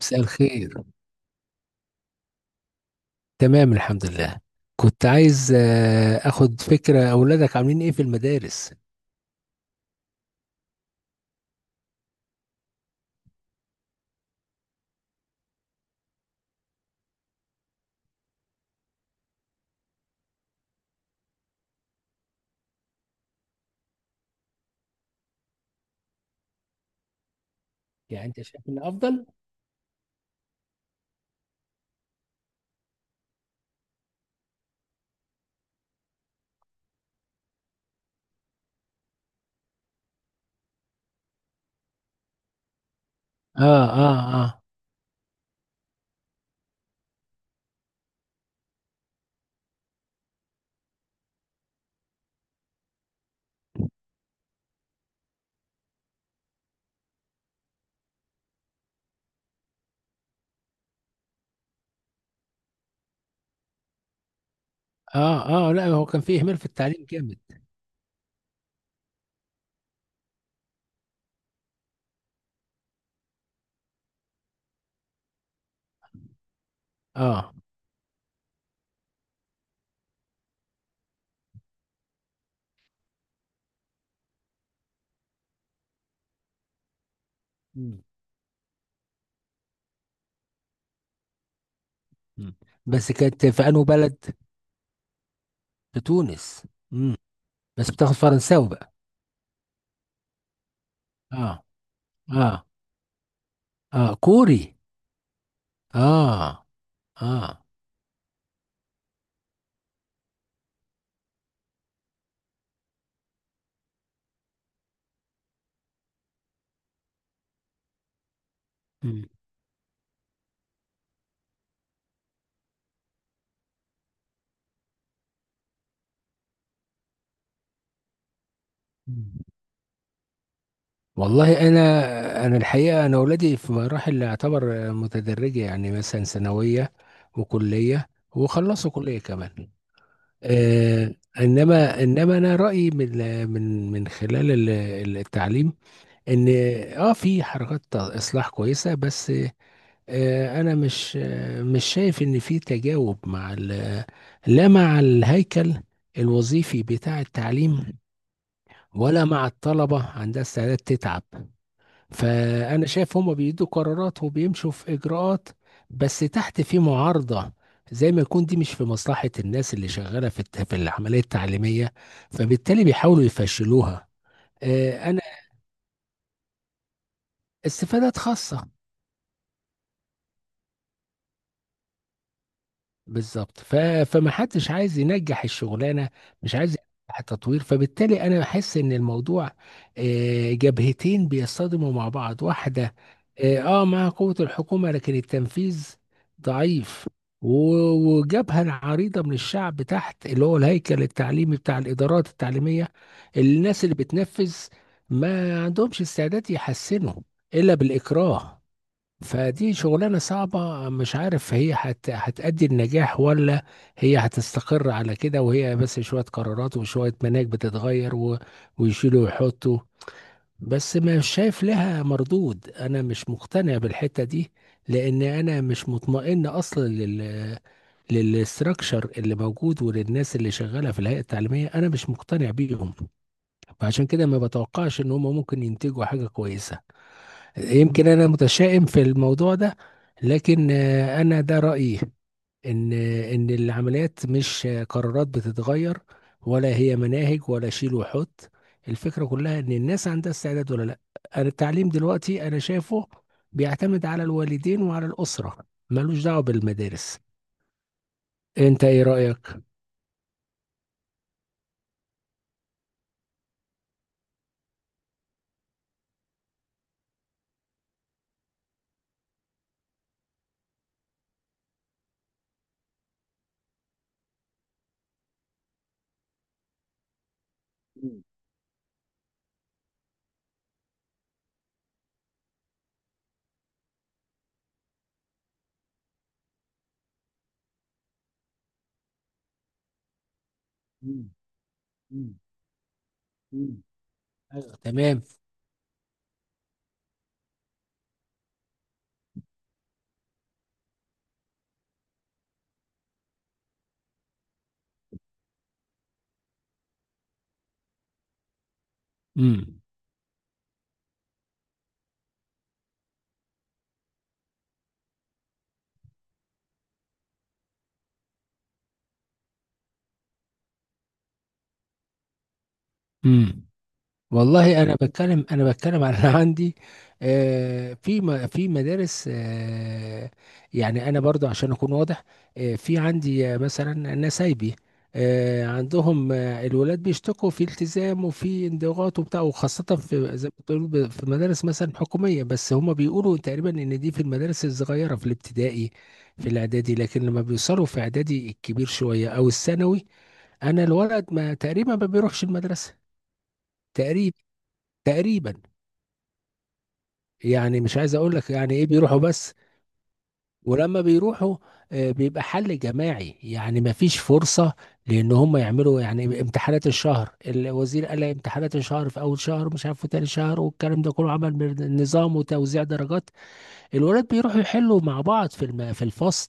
مساء الخير. تمام الحمد لله. كنت عايز اخد فكرة اولادك عاملين ايه في المدارس. يعني انت شايف ان افضل؟ اه. اه. اه. اه. اه. لا، هو كان في اهمال في التعليم جامد. اه. مم. مم. بس كانت في انه بلد؟ في تونس. مم. بس بتاخد فرنساوي بقى؟ اه. اه. اه كوري. اه. اه. مم. والله انا الحقيقه، انا اولادي في مراحل اعتبر متدرجه، يعني مثلا ثانويه وكليه، وخلصوا كليه كمان. انما انا رايي، من خلال التعليم ان اه في حركات اصلاح كويسه، بس انا مش مش شايف ان في تجاوب مع لا، مع الهيكل الوظيفي بتاع التعليم، ولا مع الطلبه عندها استعداد تتعب. فأنا شايف هما بيدوا قرارات وبيمشوا في إجراءات، بس تحت في معارضة، زي ما يكون دي مش في مصلحة الناس اللي شغالة في في العملية التعليمية، فبالتالي بيحاولوا يفشلوها. أنا استفادات خاصة. بالظبط. فما حدش عايز ينجح الشغلانه، مش عايز ينجح التطوير، فبالتالي انا بحس ان الموضوع جبهتين بيصطدموا مع بعض، واحده مع قوه الحكومه، لكن التنفيذ ضعيف، وجبهه عريضه من الشعب تحت، اللي هو الهيكل التعليمي بتاع الادارات التعليميه، الناس اللي بتنفذ ما عندهمش استعداد يحسنوا الا بالاكراه. فدي شغلانة صعبة، مش عارف هي هتأدي النجاح، ولا هي هتستقر على كده، وهي بس شوية قرارات وشوية مناهج بتتغير ويشيلوا ويحطوا. بس مش شايف لها مردود، أنا مش مقتنع بالحتة دي، لأن أنا مش مطمئن أصلا للستراكشر اللي موجود وللناس اللي شغالة في الهيئة التعليمية، أنا مش مقتنع بيهم. فعشان كده ما بتوقعش إن هم ممكن ينتجوا حاجة كويسة. يمكن انا متشائم في الموضوع ده، لكن انا ده رايي. ان العمليات مش قرارات بتتغير، ولا هي مناهج، ولا شيل وحط. الفكره كلها ان الناس عندها استعداد ولا لا. أنا التعليم دلوقتي انا شايفه بيعتمد على الوالدين وعلى الاسره، ملوش دعوه بالمدارس. انت ايه رايك؟ مم. مم. مم. ايوه، تمام. امم. امم. والله انا بتكلم عن اللي عندي. في في مدارس، يعني انا برضو عشان اكون واضح، في عندي مثلا نسايبي، عندهم الولاد بيشتكوا في التزام وفي انضغاط وبتاع، وخاصة في، زي ما بتقول، في مدارس مثلا حكومية، بس هما بيقولوا تقريبا ان دي في المدارس الصغيرة في الابتدائي في الاعدادي، لكن لما بيوصلوا في اعدادي الكبير شوية او الثانوي، انا الولد ما تقريبا ما بيروحش المدرسة. تقريبا. تقريبا. يعني مش عايز اقول لك يعني ايه، بيروحوا بس، ولما بيروحوا بيبقى حل جماعي، يعني ما فيش فرصة لان هم يعملوا، يعني امتحانات الشهر، الوزير قال لك امتحانات الشهر في اول شهر، مش عارف في تاني شهر، والكلام ده كله، عمل نظام وتوزيع درجات. الولاد بيروحوا يحلوا مع بعض في في الفصل.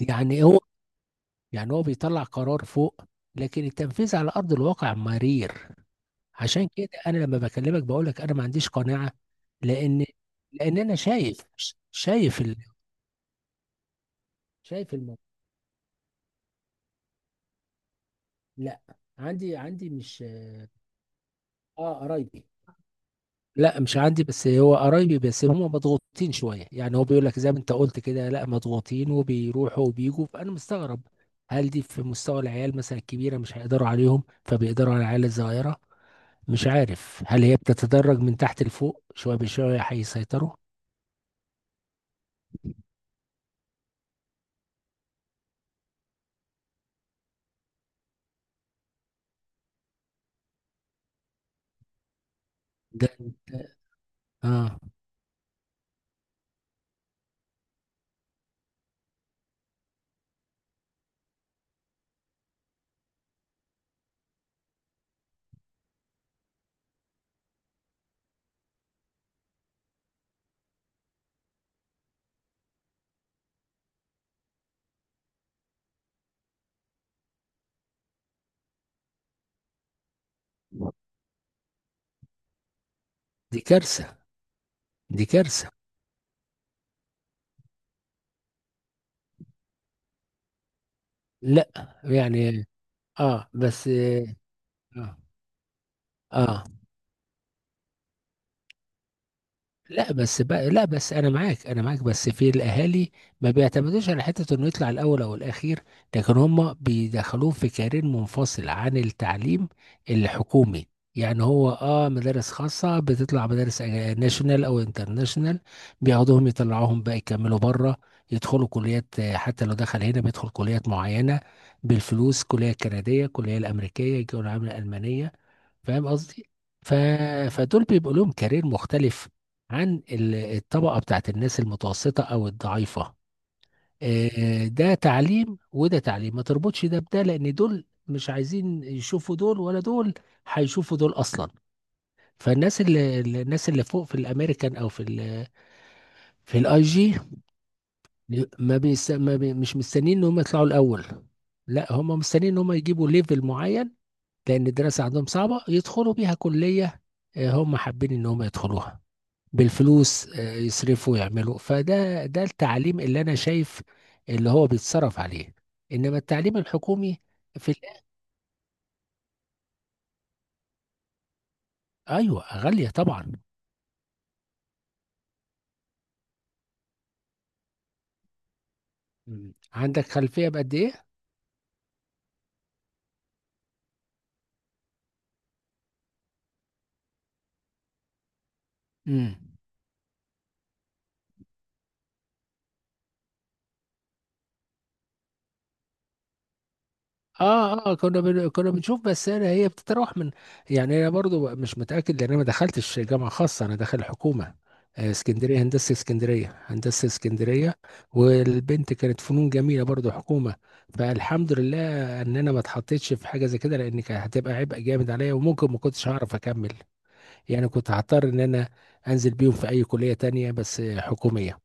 يعني هو يعني هو بيطلع قرار فوق، لكن التنفيذ على ارض الواقع مرير. عشان كده انا لما بكلمك بقول لك انا ما عنديش قناعه، لان لان انا شايف، شايف شايف الموضوع. لا، عندي مش، اه قرايبي. لا مش عندي، بس هو قرايبي، بس هم مضغوطين شويه، يعني هو بيقول لك زي ما انت قلت كده، لا مضغوطين وبيروحوا وبيجوا، فانا مستغرب. هل دي في مستوى العيال مثلا الكبيره مش هيقدروا عليهم فبيقدروا على العيال الصغيره؟ مش عارف هل هي بتتدرج من تحت لفوق شويه بشويه هيسيطروا. ده، اه. دي كارثه. دي كارثة. لا. يعني اه بس. اه. آه. لا بس بقى، لا بس انا معاك، انا معاك، بس في الاهالي ما بيعتمدوش على حته انه يطلع الاول او الاخير، لكن هم بيدخلوه في كارير منفصل عن التعليم الحكومي. يعني هو مدارس خاصه بتطلع مدارس ناشونال او انترناشونال، بياخدوهم يطلعوهم بقى يكملوا بره، يدخلوا كليات، حتى لو دخل هنا بيدخل كليات معينه بالفلوس، كليه كنديه، كليه الامريكيه، كليه الالمانيه. فاهم قصدي؟ ف... فدول بيبقوا لهم كارير مختلف عن الطبقة بتاعت الناس المتوسطة أو الضعيفة. ده تعليم وده تعليم، ما تربطش ده بده، لأن دول مش عايزين يشوفوا دول، ولا دول هيشوفوا دول أصلا. فالناس اللي الناس اللي فوق في الأمريكان أو في في الاي جي، ما, بيس... ما بي... مش مستنيين إن هم يطلعوا الأول، لا هم مستنيين إن هم يجيبوا ليفل معين، لان الدراسه عندهم صعبه يدخلوا بيها كليه، هم حابين ان هم يدخلوها بالفلوس، يصرفوا يعملوا، فده ده التعليم اللي انا شايف، اللي هو بيتصرف عليه. انما التعليم الحكومي في الآ- ايوه، غاليه طبعا. مم. عندك خلفيه بقد ايه؟ مم. اه. اه كنا بنشوف، بس انا هي بتتراوح من، يعني انا برضو مش متاكد لان انا ما دخلتش جامعه خاصه، انا داخل حكومه. اسكندريه هندسه، اسكندريه هندسه، اسكندريه. والبنت كانت فنون جميله برضو حكومه. فالحمد لله ان انا ما اتحطيتش في حاجه زي كده، لان كانت هتبقى عبء جامد عليا، وممكن ما كنتش هعرف اكمل. يعني كنت هضطر ان انا انزل بيهم في اي كليه تانية، بس حكوميه.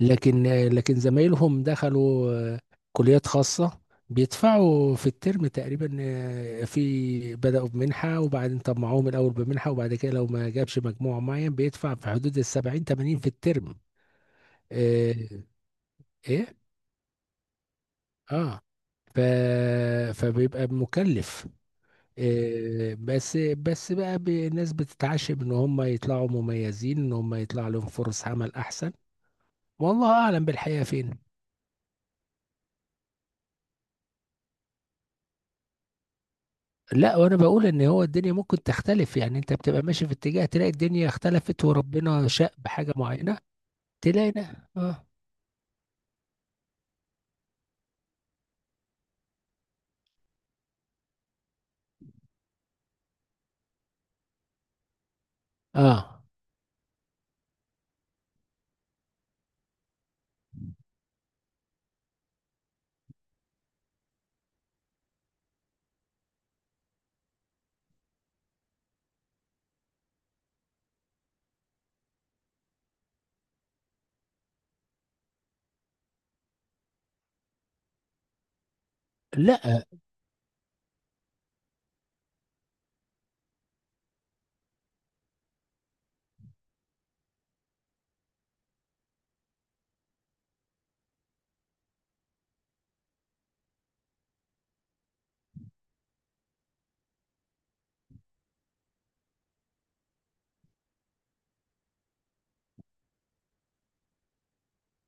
لكن زمايلهم دخلوا كليات خاصة، بيدفعوا في الترم تقريبا، في بدأوا بمنحة، وبعدين طمعوهم الأول بمنحة، وبعد كده لو ما جابش مجموع معين بيدفع في حدود 70 80 في الترم. آه، إيه؟ آه. ف... فبيبقى مكلف. بس بقى، الناس بتتعشم ان هم يطلعوا مميزين، ان هم يطلع لهم فرص عمل احسن، والله اعلم بالحقيقة فين. لا، وانا بقول ان هو الدنيا ممكن تختلف، يعني انت بتبقى ماشي في اتجاه تلاقي الدنيا اختلفت وربنا شاء بحاجة معينة، تلاقي ده. اه. اه. لا. اه.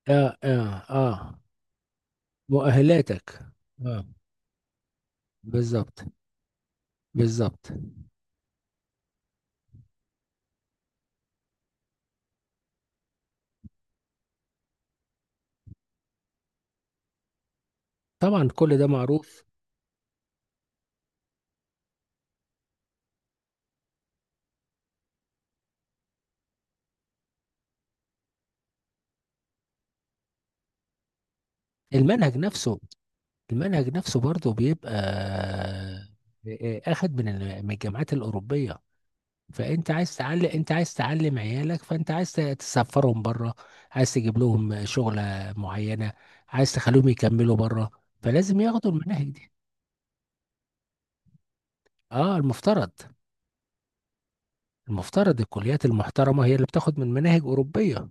اه. اه. آه. مؤهلاتك. اه، بالظبط. بالظبط. طبعا كل ده معروف. المنهج نفسه. المنهج نفسه برضه بيبقى آه، آه، آه، اخد من من الجامعات الأوروبية. فانت عايز تعلم عيالك، فانت عايز تسفرهم بره، عايز تجيب لهم شغلة معينة، عايز تخليهم يكملوا بره، فلازم ياخدوا المناهج دي. اه، المفترض. المفترض الكليات المحترمة هي اللي بتاخد من مناهج أوروبية.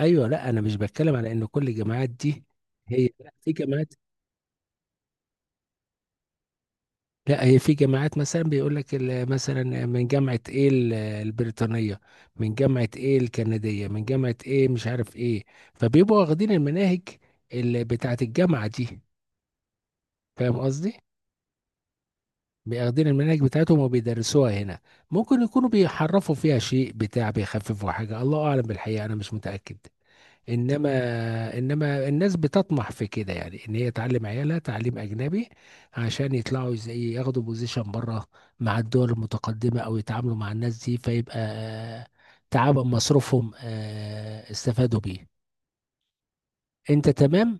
ايوه. لا، انا مش بتكلم على ان كل الجامعات دي، هي لا، في جامعات، لا هي في جامعات مثلا بيقول لك مثلا من جامعة ايه البريطانية، من جامعة ايه الكندية، من جامعة ايه مش عارف ايه، فبيبقوا واخدين المناهج اللي بتاعة الجامعة دي. فاهم قصدي؟ بياخدين المناهج بتاعتهم وبيدرسوها هنا، ممكن يكونوا بيحرفوا فيها شيء بتاع، بيخففوا حاجة، الله أعلم بالحقيقة، أنا مش متأكد. انما انما الناس بتطمح في كده، يعني ان هي تعلم عيالها تعليم اجنبي عشان يطلعوا زي، ياخدوا بوزيشن بره مع الدول المتقدمه او يتعاملوا مع الناس دي، فيبقى تعب مصروفهم استفادوا بيه. انت تمام.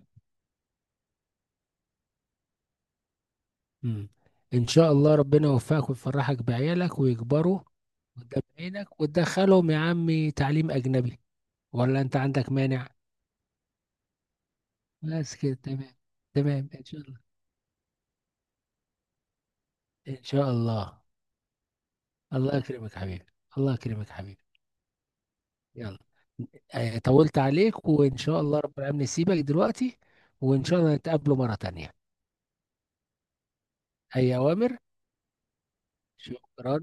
مم. ان شاء الله ربنا يوفقك ويفرحك بعيالك ويكبروا قدام عينك، وتدخلهم يا عمي تعليم اجنبي، ولا انت عندك مانع؟ بس كده تمام. تمام، ان شاء الله. ان شاء الله. الله يكرمك حبيبي. الله يكرمك حبيبي. يلا. طولت عليك، وإن شاء الله رب العالمين سيبك دلوقتي. وإن شاء الله نتقابله مرة تانية. أي أوامر. شكرا.